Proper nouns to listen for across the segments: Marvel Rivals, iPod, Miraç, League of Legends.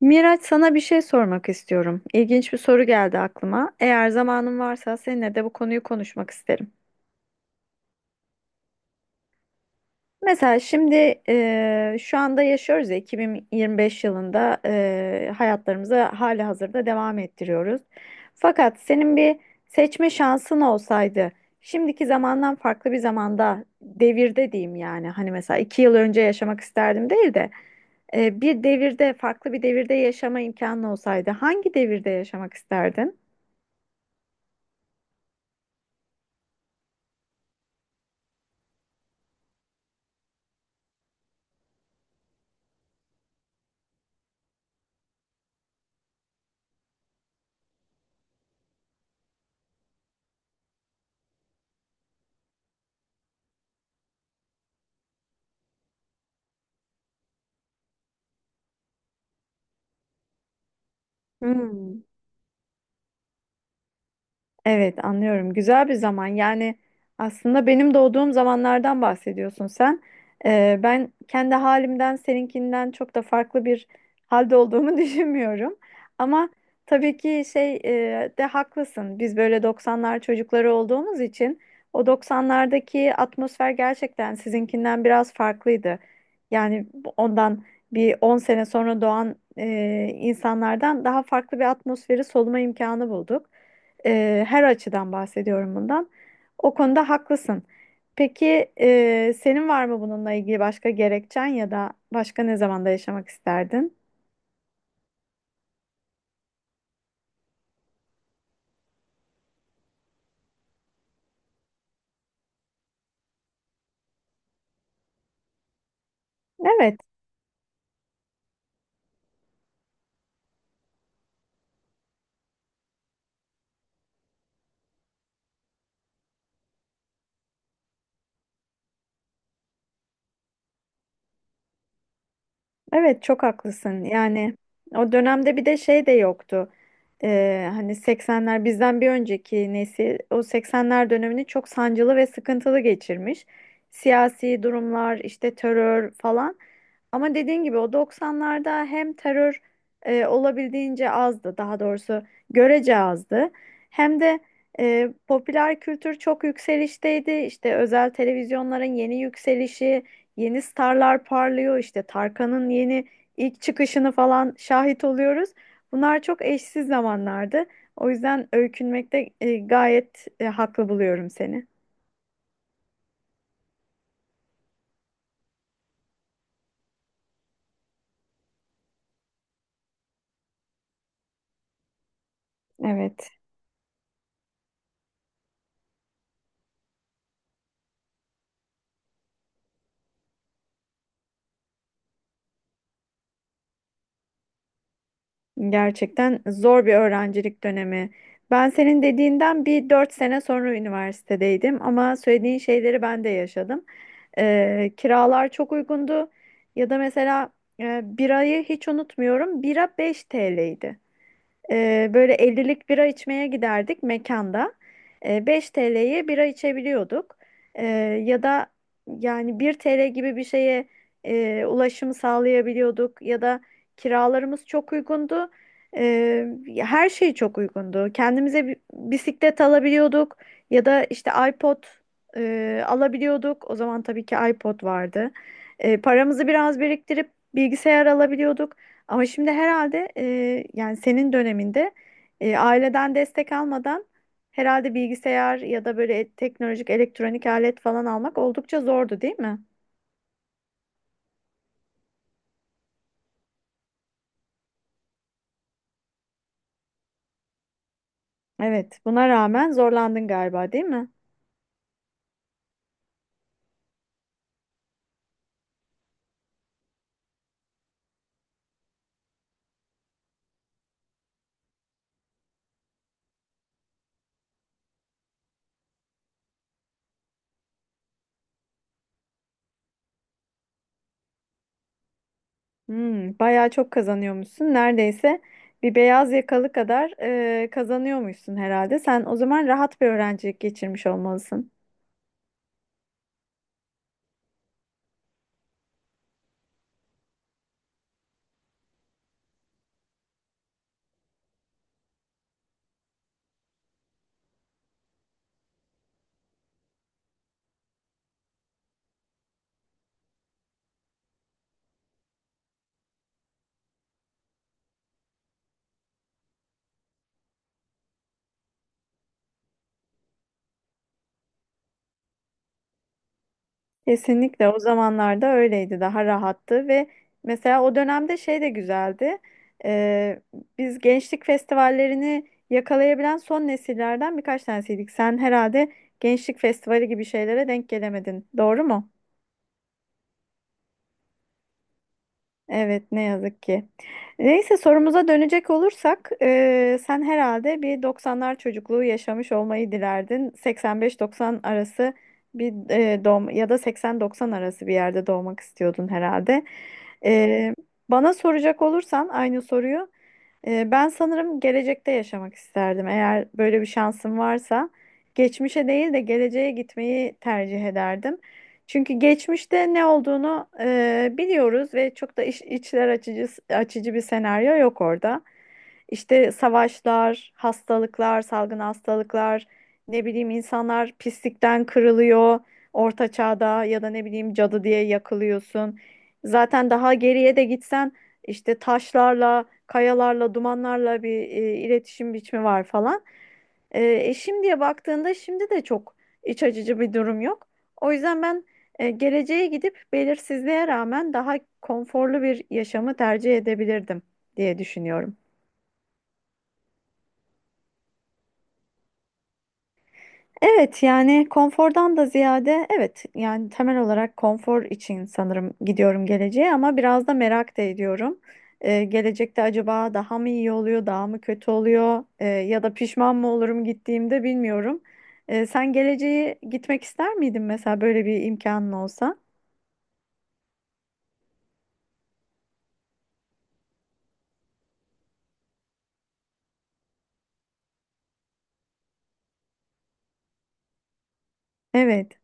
Miraç, sana bir şey sormak istiyorum. İlginç bir soru geldi aklıma. Eğer zamanın varsa seninle de bu konuyu konuşmak isterim. Mesela şimdi şu anda yaşıyoruz ya, 2025 yılında hayatlarımızı hali hazırda devam ettiriyoruz. Fakat senin bir seçme şansın olsaydı, şimdiki zamandan farklı bir zamanda, devirde diyeyim, yani hani mesela iki yıl önce yaşamak isterdim değil de bir devirde, farklı bir devirde yaşama imkanı olsaydı, hangi devirde yaşamak isterdin? Hmm, evet, anlıyorum. Güzel bir zaman. Yani aslında benim doğduğum zamanlardan bahsediyorsun sen. Ben kendi halimden seninkinden çok da farklı bir halde olduğumu düşünmüyorum. Ama tabii ki şey, de haklısın. Biz böyle doksanlar çocukları olduğumuz için o doksanlardaki atmosfer gerçekten sizinkinden biraz farklıydı. Yani ondan bir 10 sene sonra doğan insanlardan daha farklı bir atmosferi soluma imkanı bulduk. Her açıdan bahsediyorum bundan. O konuda haklısın. Peki senin var mı bununla ilgili başka gerekçen ya da başka ne zamanda yaşamak isterdin? Evet. Evet, çok haklısın. Yani o dönemde bir de şey de yoktu. Hani 80'ler, bizden bir önceki nesil o 80'ler dönemini çok sancılı ve sıkıntılı geçirmiş. Siyasi durumlar, işte terör falan. Ama dediğin gibi o 90'larda hem terör olabildiğince azdı, daha doğrusu görece azdı. Hem de popüler kültür çok yükselişteydi. İşte özel televizyonların yeni yükselişi, yeni starlar parlıyor, işte Tarkan'ın yeni ilk çıkışını falan şahit oluyoruz. Bunlar çok eşsiz zamanlardı. O yüzden öykünmekte gayet haklı buluyorum seni. Evet, gerçekten zor bir öğrencilik dönemi. Ben senin dediğinden bir dört sene sonra üniversitedeydim, ama söylediğin şeyleri ben de yaşadım. Kiralar çok uygundu ya da mesela birayı hiç unutmuyorum. Bira 5 TL'ydi. Böyle 50'lik bira içmeye giderdik mekanda. 5 TL'ye bira içebiliyorduk. Ee, Ya da yani 1 TL gibi bir şeye ulaşım sağlayabiliyorduk. Ya da kiralarımız çok uygundu. Ee, Her şey çok uygundu. Kendimize bisiklet alabiliyorduk. Ya da işte iPod alabiliyorduk. O zaman tabii ki iPod vardı. Paramızı biraz biriktirip bilgisayar alabiliyorduk. Ama şimdi herhalde yani senin döneminde aileden destek almadan herhalde bilgisayar ya da böyle teknolojik elektronik alet falan almak oldukça zordu, değil mi? Evet, buna rağmen zorlandın galiba, değil mi? Hmm, bayağı çok kazanıyormuşsun. Neredeyse bir beyaz yakalı kadar kazanıyormuşsun herhalde. Sen o zaman rahat bir öğrencilik geçirmiş olmalısın. Kesinlikle, o zamanlarda öyleydi, daha rahattı. Ve mesela o dönemde şey de güzeldi. Ee, Biz gençlik festivallerini yakalayabilen son nesillerden birkaç tanesiydik. Sen herhalde gençlik festivali gibi şeylere denk gelemedin, doğru mu? Evet, ne yazık ki. Neyse, sorumuza dönecek olursak sen herhalde bir doksanlar çocukluğu yaşamış olmayı dilerdin. 85-90 arası bir doğum ya da 80-90 arası bir yerde doğmak istiyordun herhalde. Eee, Bana soracak olursan aynı soruyu, ben sanırım gelecekte yaşamak isterdim. Eğer böyle bir şansım varsa, geçmişe değil de geleceğe gitmeyi tercih ederdim. Çünkü geçmişte ne olduğunu biliyoruz ve çok da içler açıcı bir senaryo yok orada. İşte savaşlar, hastalıklar, salgın hastalıklar, ne bileyim, insanlar pislikten kırılıyor orta çağda, ya da ne bileyim, cadı diye yakılıyorsun. Zaten daha geriye de gitsen, işte taşlarla, kayalarla, dumanlarla bir iletişim biçimi var falan. E, Şimdiye baktığında, şimdi de çok iç açıcı bir durum yok. O yüzden ben geleceğe gidip belirsizliğe rağmen daha konforlu bir yaşamı tercih edebilirdim diye düşünüyorum. Evet, yani konfordan da ziyade, evet, yani temel olarak konfor için sanırım gidiyorum geleceğe, ama biraz da merak da ediyorum. Gelecekte acaba daha mı iyi oluyor, daha mı kötü oluyor? Ya da pişman mı olurum gittiğimde, bilmiyorum. Sen geleceğe gitmek ister miydin mesela, böyle bir imkanın olsa? Evet.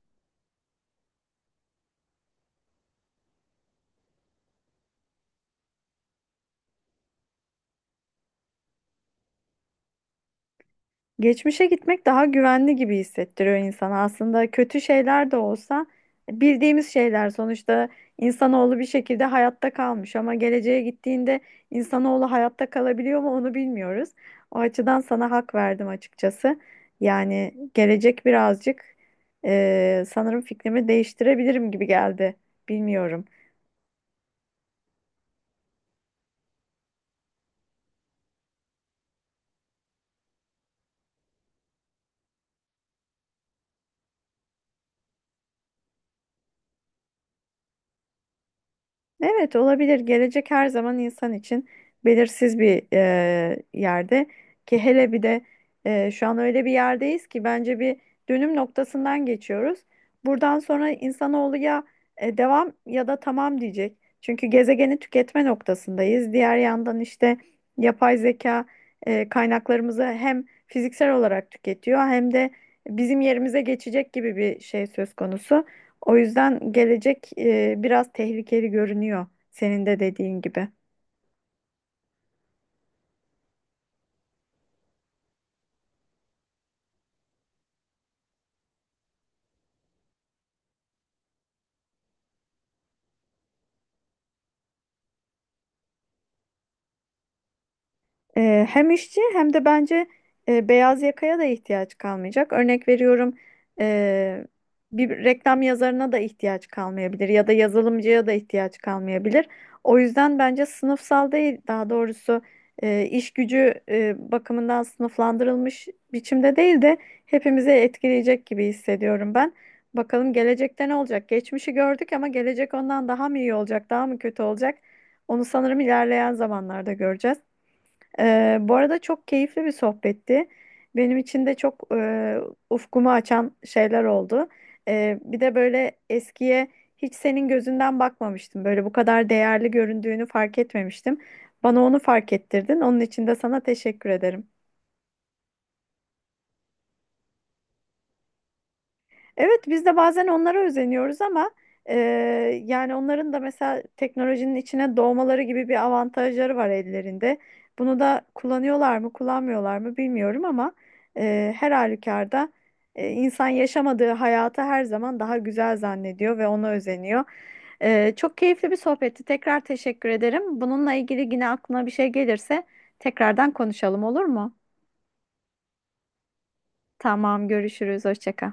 Geçmişe gitmek daha güvenli gibi hissettiriyor insana. Aslında kötü şeyler de olsa, bildiğimiz şeyler sonuçta. İnsanoğlu bir şekilde hayatta kalmış, ama geleceğe gittiğinde insanoğlu hayatta kalabiliyor mu, onu bilmiyoruz. O açıdan sana hak verdim açıkçası. Yani gelecek birazcık, sanırım fikrimi değiştirebilirim gibi geldi. Bilmiyorum. Evet, olabilir. Gelecek her zaman insan için belirsiz bir yerde, ki hele bir de şu an öyle bir yerdeyiz ki bence bir dönüm noktasından geçiyoruz. Buradan sonra insanoğlu ya devam ya da tamam diyecek. Çünkü gezegeni tüketme noktasındayız. Diğer yandan işte yapay zeka kaynaklarımızı hem fiziksel olarak tüketiyor, hem de bizim yerimize geçecek gibi bir şey söz konusu. O yüzden gelecek biraz tehlikeli görünüyor, senin de dediğin gibi. Hem işçi, hem de bence beyaz yakaya da ihtiyaç kalmayacak. Örnek veriyorum, e, bir reklam yazarına da ihtiyaç kalmayabilir ya da yazılımcıya da ihtiyaç kalmayabilir. O yüzden bence sınıfsal değil, daha doğrusu iş gücü bakımından sınıflandırılmış biçimde değil de, hepimizi etkileyecek gibi hissediyorum ben. Bakalım gelecekte ne olacak? Geçmişi gördük, ama gelecek ondan daha mı iyi olacak, daha mı kötü olacak? Onu sanırım ilerleyen zamanlarda göreceğiz. Bu arada çok keyifli bir sohbetti. Benim için de çok ufkumu açan şeyler oldu. Bir de böyle eskiye hiç senin gözünden bakmamıştım. Böyle bu kadar değerli göründüğünü fark etmemiştim. Bana onu fark ettirdin. Onun için de sana teşekkür ederim. Evet, biz de bazen onlara özeniyoruz, ama e, yani onların da mesela teknolojinin içine doğmaları gibi bir avantajları var ellerinde. Bunu da kullanıyorlar mı, kullanmıyorlar mı bilmiyorum, ama her halükarda insan yaşamadığı hayatı her zaman daha güzel zannediyor ve ona özeniyor. Çok keyifli bir sohbetti. Tekrar teşekkür ederim. Bununla ilgili yine aklına bir şey gelirse tekrardan konuşalım, olur mu? Tamam, görüşürüz. Hoşça kal.